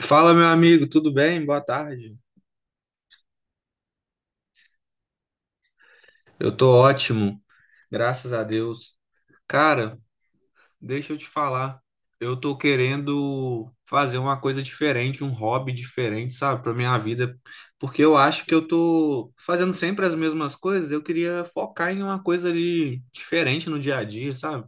Fala, meu amigo, tudo bem? Boa tarde. Eu tô ótimo, graças a Deus. Cara, deixa eu te falar. Eu tô querendo fazer uma coisa diferente, um hobby diferente, sabe, pra minha vida, porque eu acho que eu tô fazendo sempre as mesmas coisas. Eu queria focar em uma coisa ali diferente no dia a dia, sabe?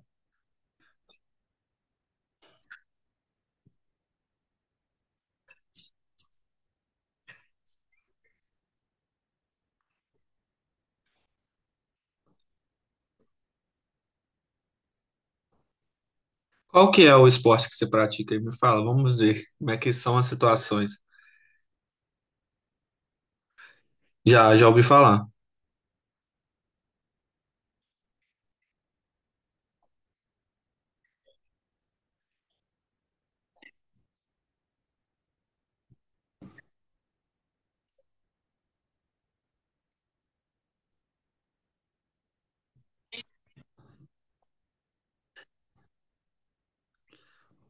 Qual que é o esporte que você pratica aí? Me fala, vamos ver como é que são as situações. Já, já ouvi falar.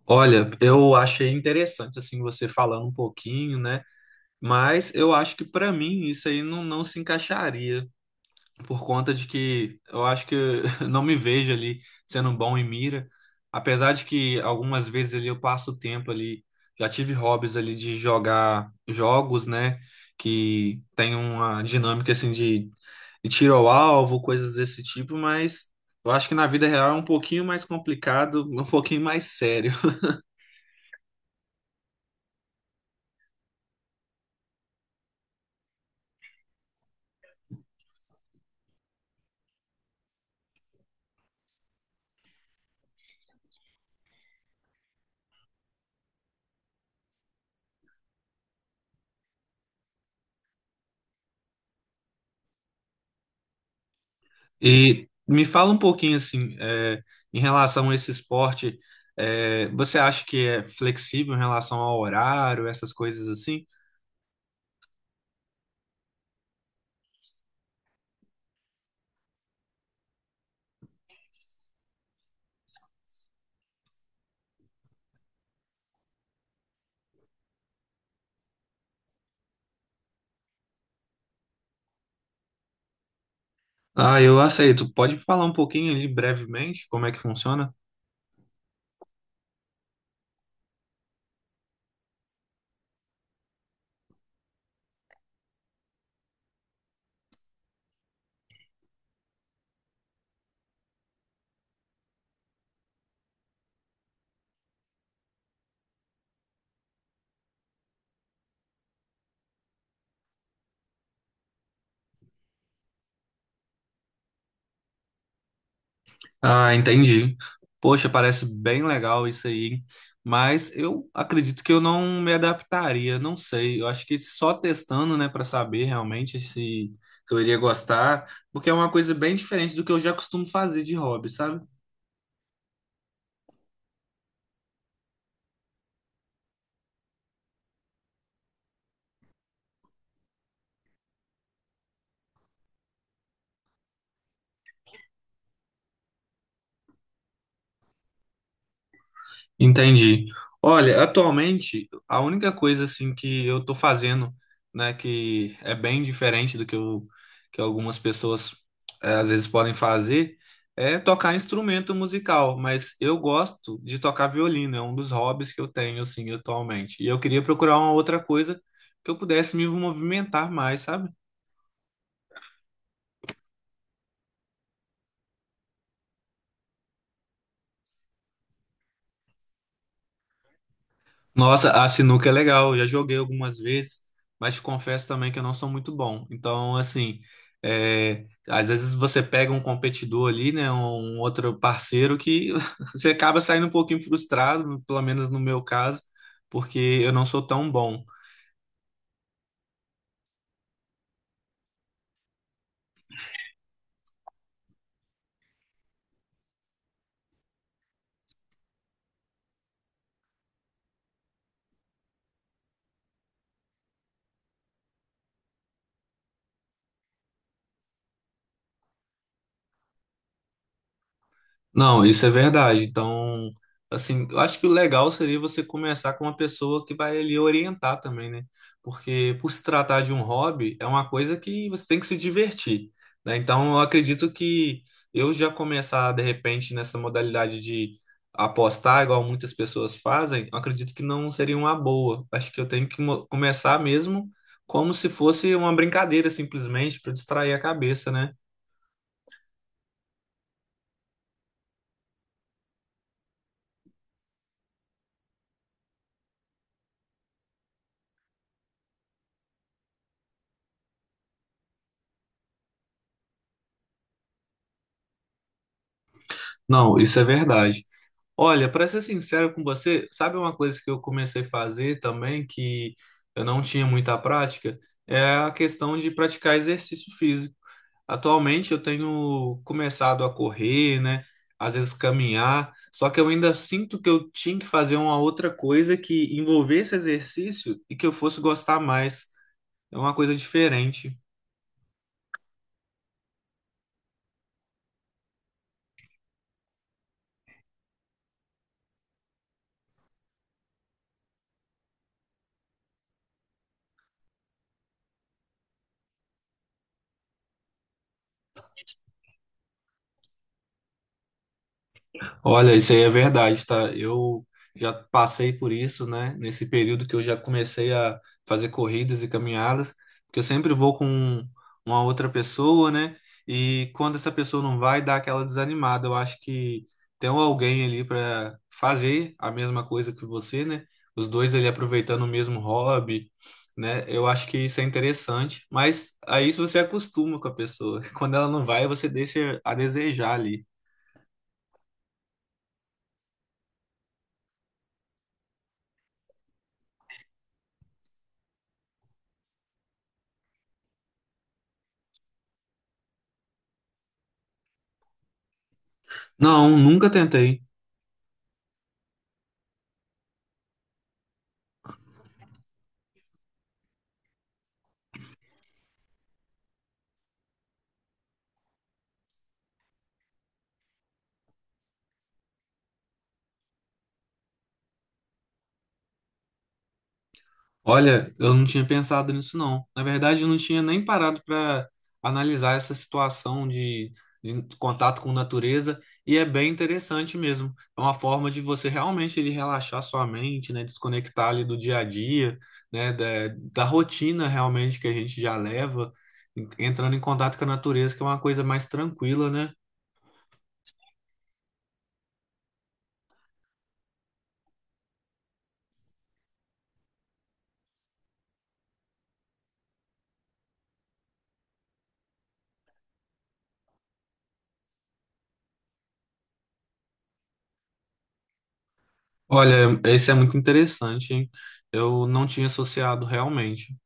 Olha, eu achei interessante assim você falando um pouquinho, né? Mas eu acho que pra mim isso aí não se encaixaria, por conta de que eu acho que eu não me vejo ali sendo bom em mira. Apesar de que algumas vezes ali eu passo o tempo ali, já tive hobbies ali de jogar jogos, né, que tem uma dinâmica assim de tiro ao alvo, coisas desse tipo, mas eu acho que na vida real é um pouquinho mais complicado, um pouquinho mais sério. E me fala um pouquinho assim, é, em relação a esse esporte, é, você acha que é flexível em relação ao horário, essas coisas assim? Ah, eu aceito. Pode falar um pouquinho ali brevemente como é que funciona? Ah, entendi. Poxa, parece bem legal isso aí, mas eu acredito que eu não me adaptaria, não sei. Eu acho que só testando, né, para saber realmente se eu iria gostar, porque é uma coisa bem diferente do que eu já costumo fazer de hobby, sabe? Entendi. Olha, atualmente, a única coisa assim que eu tô fazendo, né, que é bem diferente do que, eu, que algumas pessoas às vezes podem fazer, é tocar instrumento musical, mas eu gosto de tocar violino, é um dos hobbies que eu tenho assim atualmente. E eu queria procurar uma outra coisa que eu pudesse me movimentar mais, sabe? Nossa, a sinuca é legal, já joguei algumas vezes, mas te confesso também que eu não sou muito bom. Então, assim, é, às vezes você pega um competidor ali, né, um outro parceiro que você acaba saindo um pouquinho frustrado, pelo menos no meu caso, porque eu não sou tão bom. Não, isso é verdade. Então, assim, eu acho que o legal seria você começar com uma pessoa que vai lhe orientar também, né? Porque por se tratar de um hobby, é uma coisa que você tem que se divertir, né? Então, eu acredito que eu já começar de repente nessa modalidade de apostar, igual muitas pessoas fazem, eu acredito que não seria uma boa. Acho que eu tenho que começar mesmo como se fosse uma brincadeira, simplesmente, para distrair a cabeça, né? Não, isso é verdade. Olha, para ser sincero com você, sabe uma coisa que eu comecei a fazer também que eu não tinha muita prática? É a questão de praticar exercício físico. Atualmente eu tenho começado a correr, né? Às vezes caminhar, só que eu ainda sinto que eu tinha que fazer uma outra coisa que envolvesse exercício e que eu fosse gostar mais. É uma coisa diferente. Olha, isso aí é verdade, tá? Eu já passei por isso, né? Nesse período que eu já comecei a fazer corridas e caminhadas, porque eu sempre vou com uma outra pessoa, né? E quando essa pessoa não vai, dá aquela desanimada. Eu acho que tem alguém ali para fazer a mesma coisa que você, né? Os dois ali aproveitando o mesmo hobby, né? Eu acho que isso é interessante, mas aí você acostuma com a pessoa. Quando ela não vai, você deixa a desejar ali. Não, nunca tentei. Olha, eu não tinha pensado nisso não. Na verdade, eu não tinha nem parado para analisar essa situação de contato com natureza e é bem interessante mesmo. É uma forma de você realmente ele relaxar sua mente, né, desconectar ali do dia a dia, né, da rotina realmente que a gente já leva, entrando em contato com a natureza, que é uma coisa mais tranquila, né? Olha, esse é muito interessante, hein? Eu não tinha associado realmente.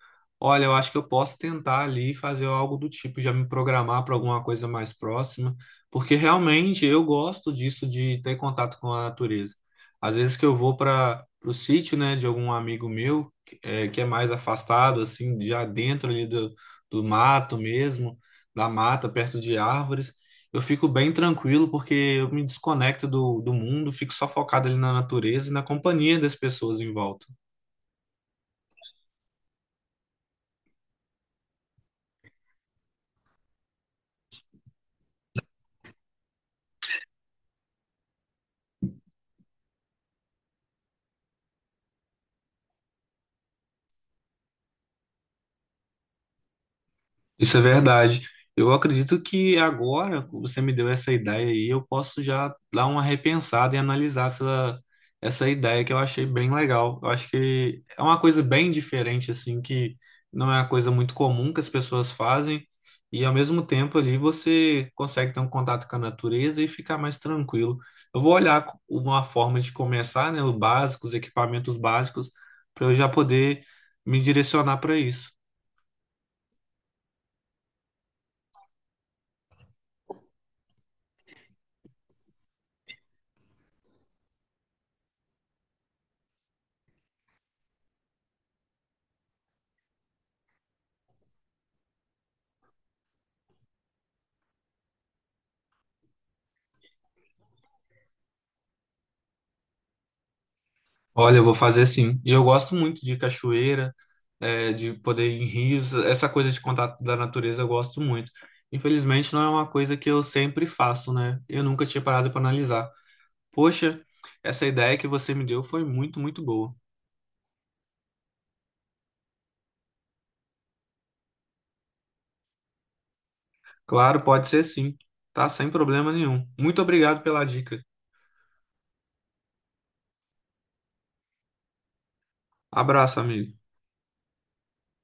Olha, eu acho que eu posso tentar ali fazer algo do tipo, já me programar para alguma coisa mais próxima, porque realmente eu gosto disso de ter contato com a natureza. Às vezes que eu vou para o sítio, né, de algum amigo meu, que é mais afastado, assim, já dentro ali do mato mesmo, da mata, perto de árvores eu fico bem tranquilo porque eu me desconecto do mundo, fico só focado ali na natureza e na companhia das pessoas em volta. Isso é verdade. Eu acredito que agora que você me deu essa ideia aí, eu posso já dar uma repensada e analisar essa ideia que eu achei bem legal. Eu acho que é uma coisa bem diferente, assim, que não é uma coisa muito comum que as pessoas fazem, e ao mesmo tempo ali você consegue ter um contato com a natureza e ficar mais tranquilo. Eu vou olhar uma forma de começar, né, o básico, os equipamentos básicos, para eu já poder me direcionar para isso. Olha, eu vou fazer sim. E eu gosto muito de cachoeira, de poder ir em rios, essa coisa de contato da natureza eu gosto muito. Infelizmente, não é uma coisa que eu sempre faço, né? Eu nunca tinha parado para analisar. Poxa, essa ideia que você me deu foi muito, muito boa. Claro, pode ser sim, tá? Sem problema nenhum. Muito obrigado pela dica. Abraço, amigo.